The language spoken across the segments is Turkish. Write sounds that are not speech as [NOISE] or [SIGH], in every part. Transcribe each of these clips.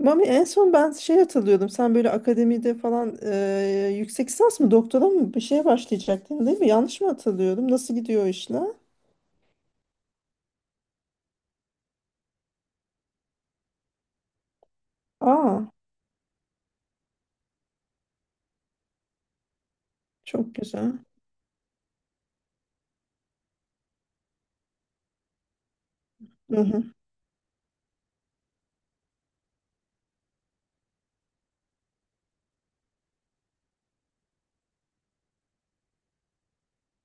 Mami en son ben şey hatırlıyordum. Sen böyle akademide falan yüksek lisans mı doktora mı bir şeye başlayacaktın, değil mi? Yanlış mı hatırlıyorum? Nasıl gidiyor o işler? Aa, çok güzel. Hı hı.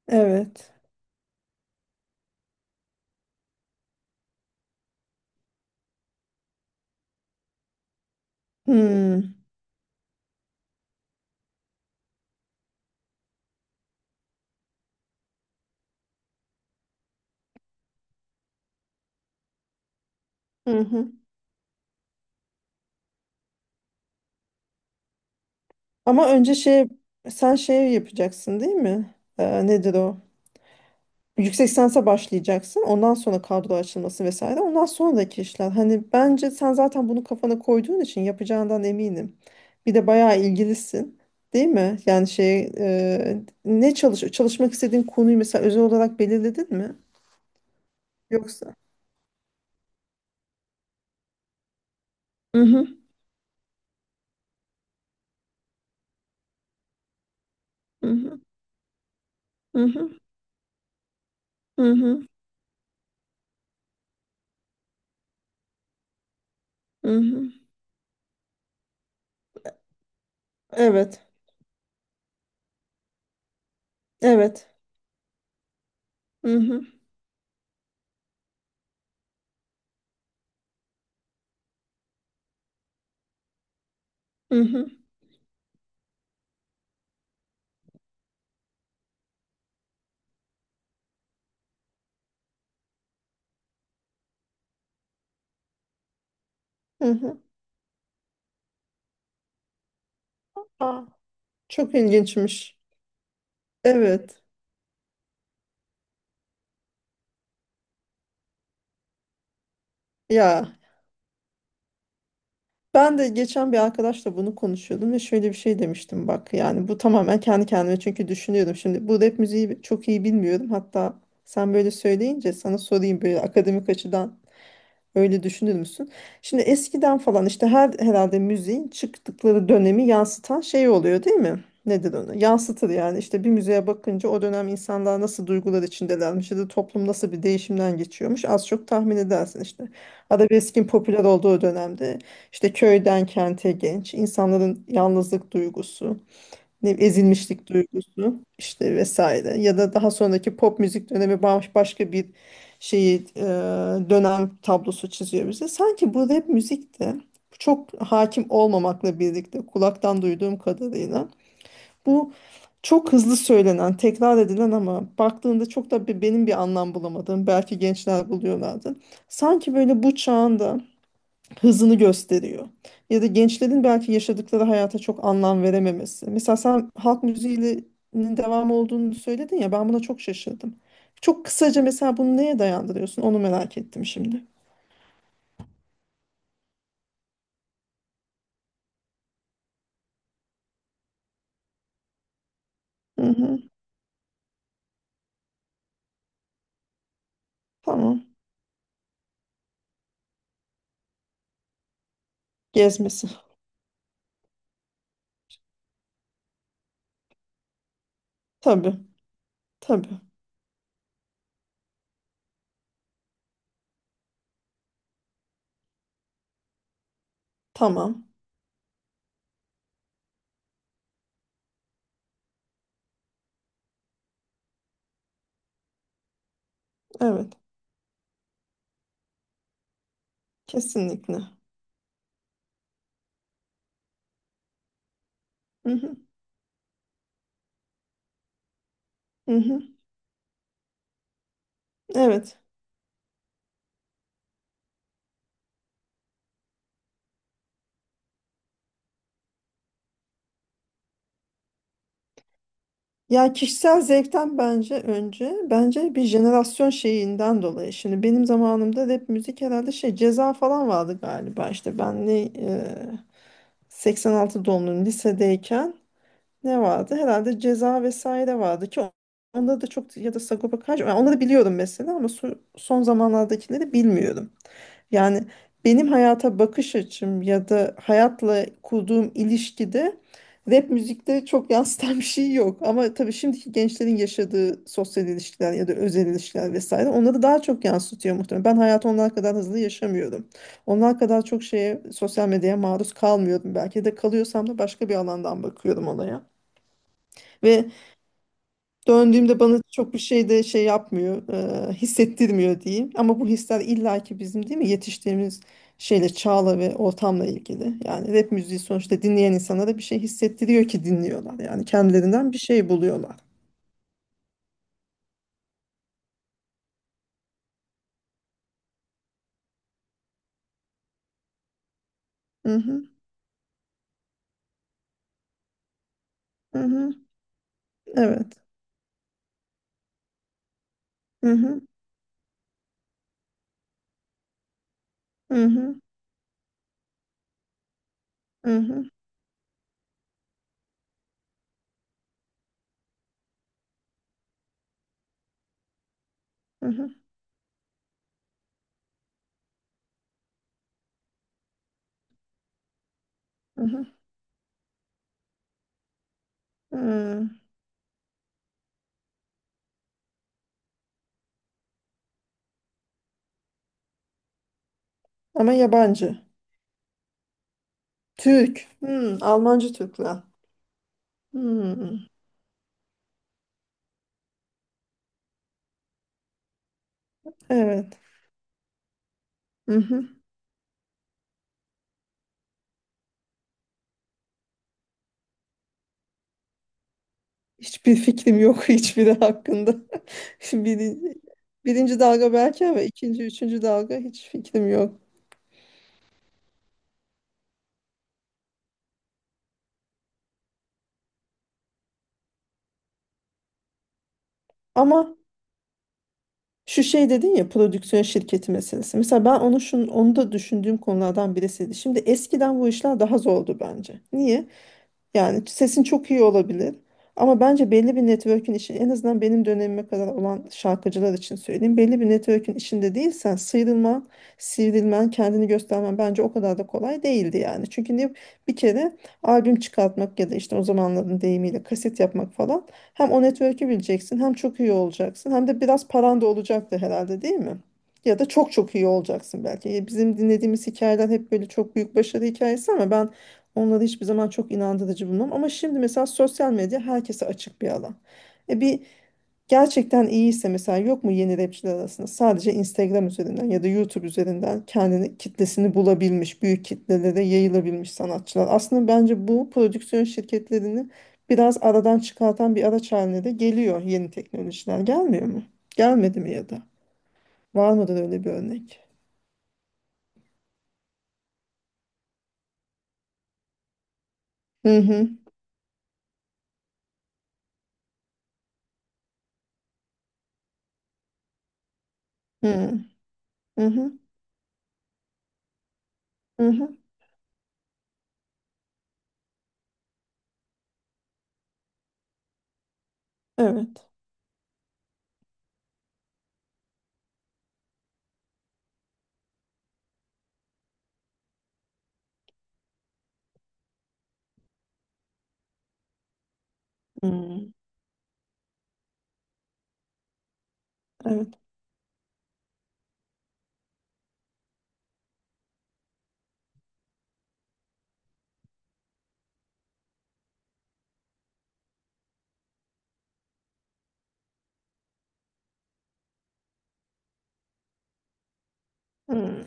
Evet. Hmm. Hı hı. Ama önce şey, sen şey yapacaksın değil mi? Nedir o? Yüksek lisansa başlayacaksın. Ondan sonra kadro açılması vesaire. Ondan sonraki işler. Hani bence sen zaten bunu kafana koyduğun için yapacağından eminim. Bir de bayağı ilgilisin. Değil mi? Yani şey ne çalış çalışmak istediğin konuyu mesela özel olarak belirledin mi? Yoksa. Hı hı, hı hı, hı hı, hı hı, hı hı. Evet. Evet. Hı hı, hı hı, hı hı. Aa, çok ilginçmiş. Evet. Ya. Ben de geçen bir arkadaşla bunu konuşuyordum ve şöyle bir şey demiştim, bak, yani bu tamamen kendi kendime çünkü düşünüyordum. Şimdi bu rap müziği çok iyi bilmiyorum, hatta sen böyle söyleyince sana sorayım, böyle akademik açıdan öyle düşünür müsün? Şimdi eskiden falan işte herhalde müziğin çıktıkları dönemi yansıtan şey oluyor değil mi? Nedir onu? Yansıtır yani. İşte bir müziğe bakınca o dönem insanlar nasıl duygular içindelermiş ya da toplum nasıl bir değişimden geçiyormuş az çok tahmin edersin işte. Arabeskin popüler olduğu dönemde işte köyden kente genç insanların yalnızlık duygusu, ne bileyim, ezilmişlik duygusu, işte vesaire. Ya da daha sonraki pop müzik dönemi başka bir şeyi, dönem tablosu çiziyor bize. Sanki bu rap müzik de çok hakim olmamakla birlikte, kulaktan duyduğum kadarıyla, bu çok hızlı söylenen, tekrar edilen ama baktığında çok da benim bir anlam bulamadığım, belki gençler buluyorlardı. Sanki böyle bu çağında hızını gösteriyor. Ya da gençlerin belki yaşadıkları hayata çok anlam verememesi. Mesela sen halk müziğinin devamı olduğunu söyledin ya, ben buna çok şaşırdım. Çok kısaca mesela bunu neye dayandırıyorsun, onu merak ettim şimdi. Hı hı, tamam. Gezmesi. Tabii. Tabii. Tamam. Evet. Kesinlikle. Hı hı. Hı hı. Evet. Ya kişisel zevkten bence önce, bence bir jenerasyon şeyinden dolayı. Şimdi benim zamanımda rap müzik herhalde şey, ceza falan vardı galiba. İşte ben ne 86 doğumluyum, lisedeyken ne vardı? Herhalde ceza vesaire vardı ki onda da çok, ya da Sagopa Kajmer. Yani onları biliyorum mesela ama son zamanlardakileri bilmiyorum. Yani benim hayata bakış açım ya da hayatla kurduğum ilişkide rap müzikte çok [LAUGHS] yansıtan bir şey yok. Ama tabii şimdiki gençlerin yaşadığı sosyal ilişkiler ya da özel ilişkiler vesaire onları daha çok yansıtıyor muhtemelen. Ben hayatı onlar kadar hızlı yaşamıyorum. Onlar kadar çok şeye, sosyal medyaya maruz kalmıyordum. Belki de kalıyorsam da başka bir alandan bakıyorum olaya. Ve döndüğümde bana çok bir şey de şey yapmıyor, hissettirmiyor diyeyim. Ama bu hisler illaki bizim değil mi, yetiştiğimiz şeyle, çağla ve ortamla ilgili. Yani rap müziği sonuçta dinleyen insanlara bir şey hissettiriyor ki dinliyorlar. Yani kendilerinden bir şey buluyorlar. Hı hı, hı hı, evet. Hı hı, hı hı, hı hı, hı hı, hı hı. Hı. Ama yabancı. Türk. Hı, Almancı Türkler. Hı, evet. Hı hı. Hiçbir fikrim yok, [LAUGHS] hiçbiri hakkında. [LAUGHS] Birinci, birinci dalga belki ama ikinci, üçüncü dalga hiç fikrim yok. Ama şu şey dedin ya, prodüksiyon şirketi meselesi. Mesela ben onu onu da düşündüğüm konulardan birisiydi. Şimdi eskiden bu işler daha zordu bence. Niye? Yani sesin çok iyi olabilir. Ama bence belli bir network'ün işi, en azından benim dönemime kadar olan şarkıcılar için söyleyeyim. Belli bir network'ün içinde değilsen sıyrılman, sivrilmen, kendini göstermen bence o kadar da kolay değildi yani. Bir kere albüm çıkartmak ya da işte o zamanların deyimiyle kaset yapmak falan, hem o network'ü bileceksin, hem çok iyi olacaksın, hem de biraz paran da olacaktı herhalde değil mi? Ya da çok iyi olacaksın belki. Bizim dinlediğimiz hikayeler hep böyle çok büyük başarı hikayesi, ama ben onları hiçbir zaman çok inandırıcı bulmam. Ama şimdi mesela sosyal medya herkese açık bir alan. E bir, gerçekten iyiyse mesela, yok mu yeni rapçiler arasında sadece Instagram üzerinden ya da YouTube üzerinden kendini, kitlesini bulabilmiş, büyük kitlelere yayılabilmiş sanatçılar? Aslında bence bu prodüksiyon şirketlerini biraz aradan çıkartan bir araç haline de geliyor yeni teknolojiler. Gelmiyor mu? Gelmedi mi ya da? Var mıdır öyle bir örnek? Hı hı. Hı hı. Hı hı. Hı hı. Evet. Hı. Evet. Hı.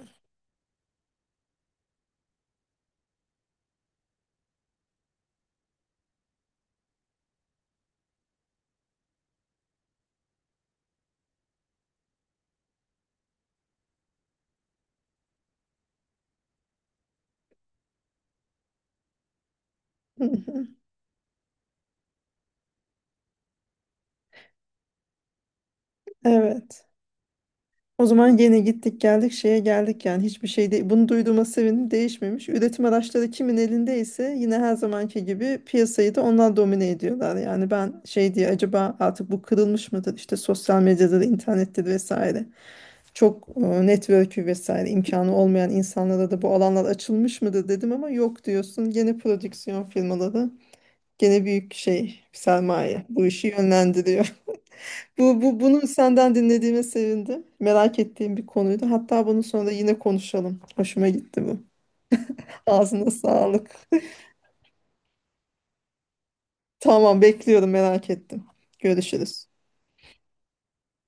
[LAUGHS] Hı hı. Evet. O zaman yine gittik geldik şeye geldik, yani hiçbir şey değil. Bunu duyduğuma sevindim, değişmemiş. Üretim araçları kimin elindeyse yine her zamanki gibi piyasayı da onlar domine ediyorlar. Yani ben şey diye, acaba artık bu kırılmış mıdır? İşte sosyal medyada da, internettir vesaire. Çok network'ü vesaire imkanı olmayan insanlara da bu alanlar açılmış mıdır dedim, ama yok diyorsun. Gene prodüksiyon firmaları, gene büyük şey, sermaye bu işi yönlendiriyor. Bu, bu bunu senden dinlediğime sevindim. Merak ettiğim bir konuydu. Hatta bunun sonra da yine konuşalım. Hoşuma gitti bu. Ağzına sağlık. [LAUGHS] Tamam, bekliyorum, merak ettim. Görüşürüz.